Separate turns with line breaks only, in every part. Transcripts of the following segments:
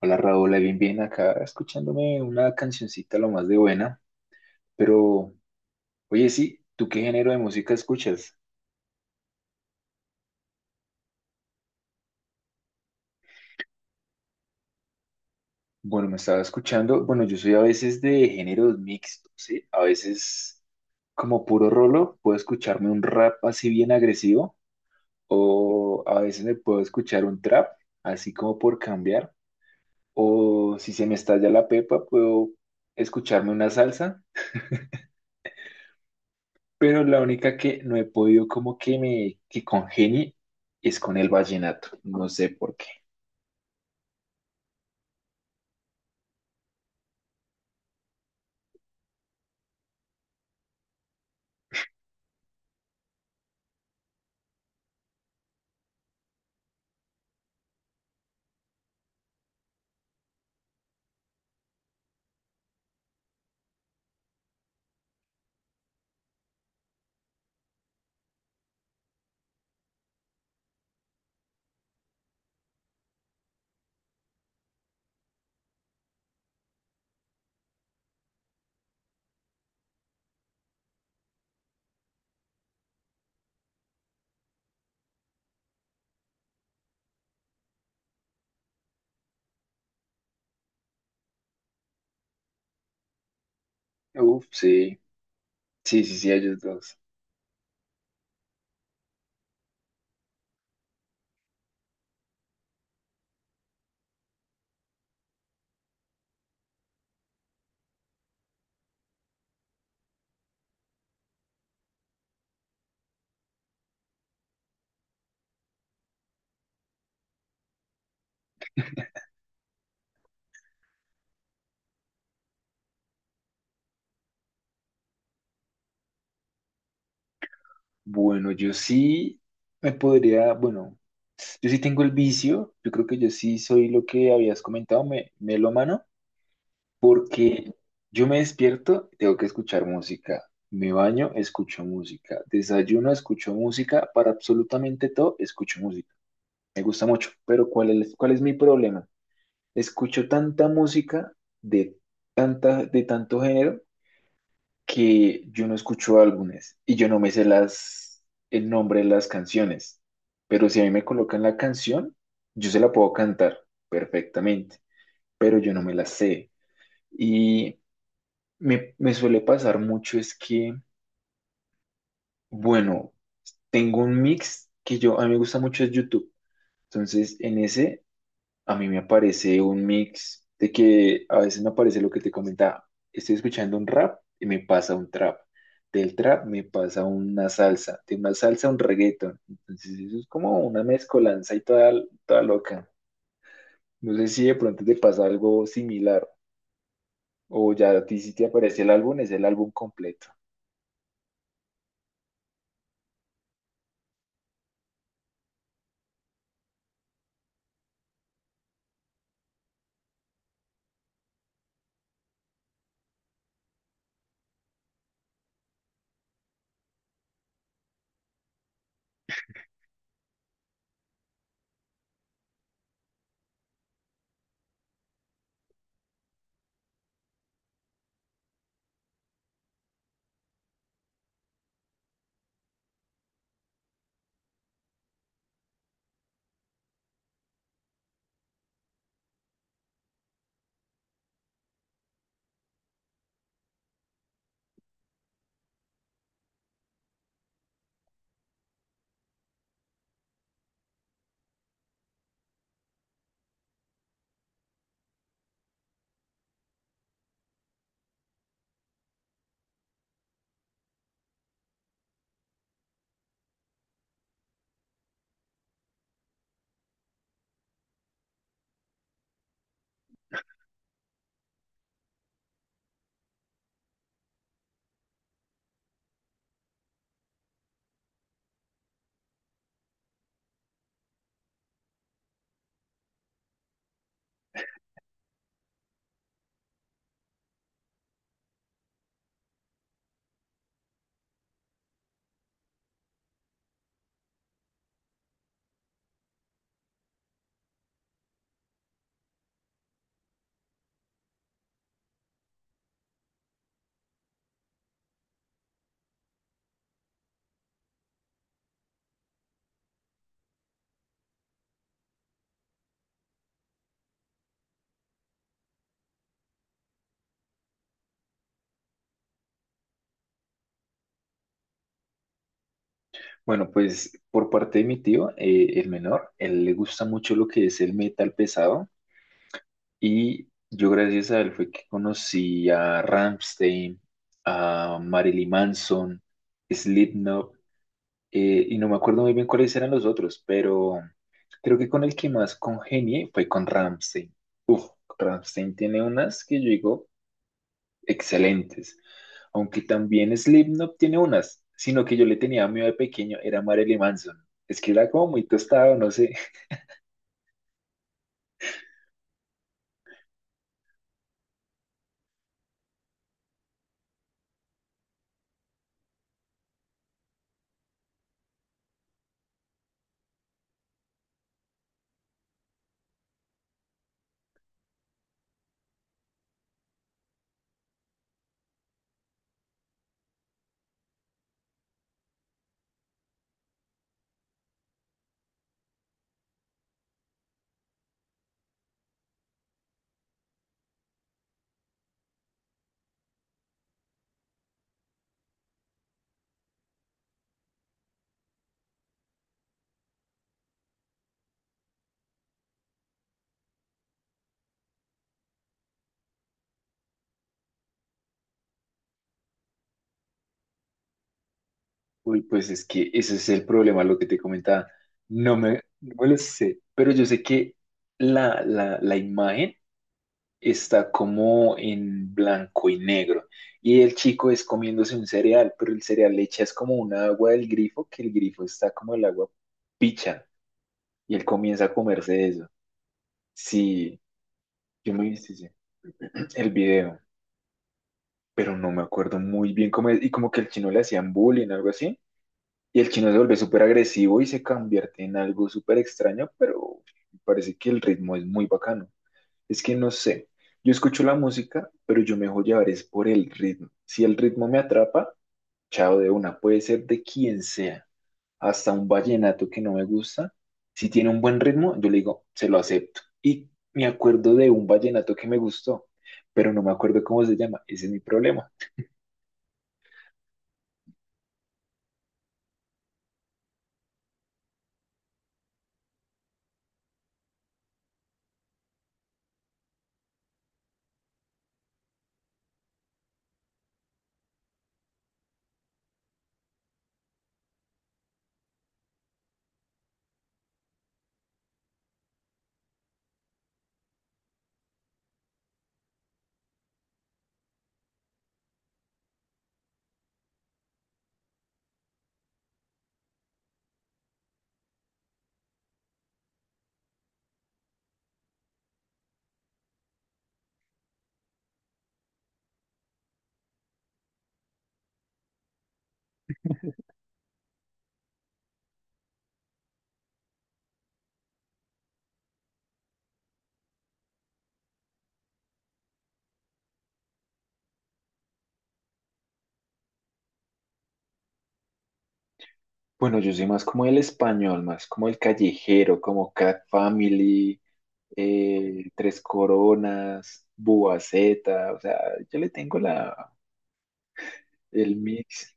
Hola Raúl, ahí bien, bien acá escuchándome una cancioncita lo más de buena, pero oye, sí, ¿tú qué género de música escuchas? Bueno, me estaba escuchando, bueno, yo soy a veces de géneros mixtos, ¿sí? A veces como puro rolo, puedo escucharme un rap así bien agresivo, o a veces me puedo escuchar un trap, así como por cambiar, o si se me estalla la pepa, puedo escucharme una salsa, pero la única que no he podido como que me que congenie es con el vallenato, no sé por qué. Uf, sí, sí, sí, sí, a ellos dos. Bueno, yo sí me podría, bueno, yo sí tengo el vicio, yo creo que yo sí soy lo que habías comentado, melómano, porque yo me despierto, tengo que escuchar música, me baño, escucho música, desayuno, escucho música, para absolutamente todo, escucho música. Me gusta mucho, pero ¿cuál es mi problema? Escucho tanta música de, de tanto género que yo no escucho álbumes y yo no me sé el nombre de las canciones. Pero si a mí me colocan la canción, yo se la puedo cantar perfectamente, pero yo no me la sé. Y me suele pasar mucho es que, bueno, tengo un mix que yo, a mí me gusta mucho es YouTube. Entonces, en ese a mí me aparece un mix de que a veces me aparece lo que te comentaba. Estoy escuchando un rap y me pasa un trap. Del trap me pasa una salsa. De una salsa un reggaeton. Entonces eso es como una mezcolanza y toda, toda loca. No sé si de pronto te pasa algo similar o ya a ti si te aparece el álbum, es el álbum completo. Bueno, pues por parte de mi tío, el menor, él le gusta mucho lo que es el metal pesado. Y yo gracias a él fue que conocí a Rammstein, a Marilyn Manson, Slipknot, y no me acuerdo muy bien cuáles eran los otros, pero creo que con el que más congenié fue con Rammstein. Uf, Rammstein tiene unas que yo digo excelentes, aunque también Slipknot tiene unas, sino que yo le tenía miedo de pequeño, era Marilyn Manson. Es que era como muy tostado, no sé. Uy, pues es que ese es el problema, lo que te comentaba. No me lo sé, pero yo sé que la imagen está como en blanco y negro. Y el chico es comiéndose un cereal, pero el cereal le echas como un agua del grifo, que el grifo está como el agua picha. Y él comienza a comerse eso. Sí, yo me viste el video, pero no me acuerdo muy bien cómo es. Y como que el chino le hacían bullying, algo así. Y el chino se vuelve súper agresivo y se convierte en algo súper extraño, pero me parece que el ritmo es muy bacano. Es que no sé, yo escucho la música, pero yo me dejo llevar es por el ritmo. Si el ritmo me atrapa, chao de una, puede ser de quien sea, hasta un vallenato que no me gusta. Si tiene un buen ritmo, yo le digo, se lo acepto. Y me acuerdo de un vallenato que me gustó, pero no me acuerdo cómo se llama, ese es mi problema. Bueno, yo soy más como el español, más como el callejero, como Cat Family, Tres Coronas, Boa Zeta, o sea, yo le tengo el mix.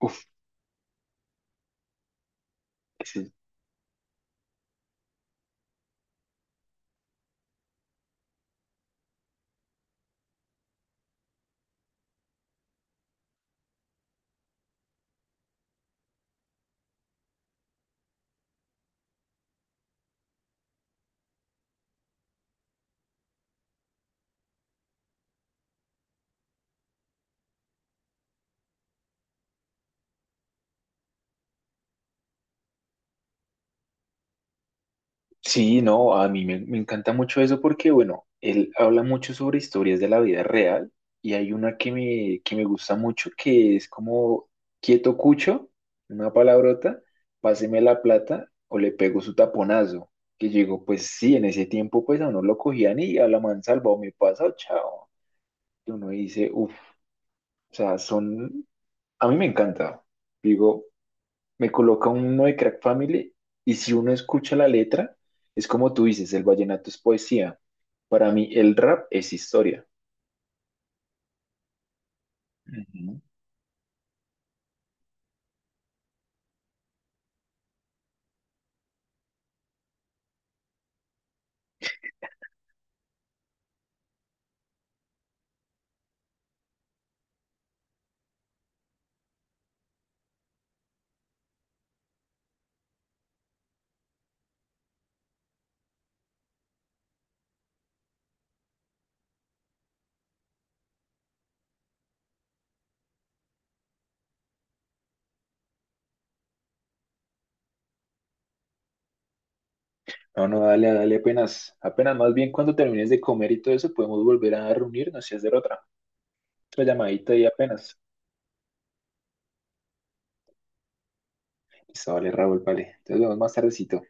Uf, sí. Sí, no, a mí me encanta mucho eso porque, bueno, él habla mucho sobre historias de la vida real, y hay una que me gusta mucho que es como quieto cucho, una palabrota, páseme la plata o le pego su taponazo. Que yo digo, pues sí, en ese tiempo pues a uno lo cogían y a la mansalva o me pasa o chao. Y uno dice, uff, o sea, son, a mí me encanta. Digo, me coloca uno de Crack Family y si uno escucha la letra, es como tú dices, el vallenato es poesía. Para mí el rap es historia. Ujú. No, no, dale, dale apenas, apenas, más bien cuando termines de comer y todo eso, podemos volver a reunirnos y hacer otra llamadita, y apenas. Listo, vale, Raúl, vale. Entonces nos vemos más tardecito.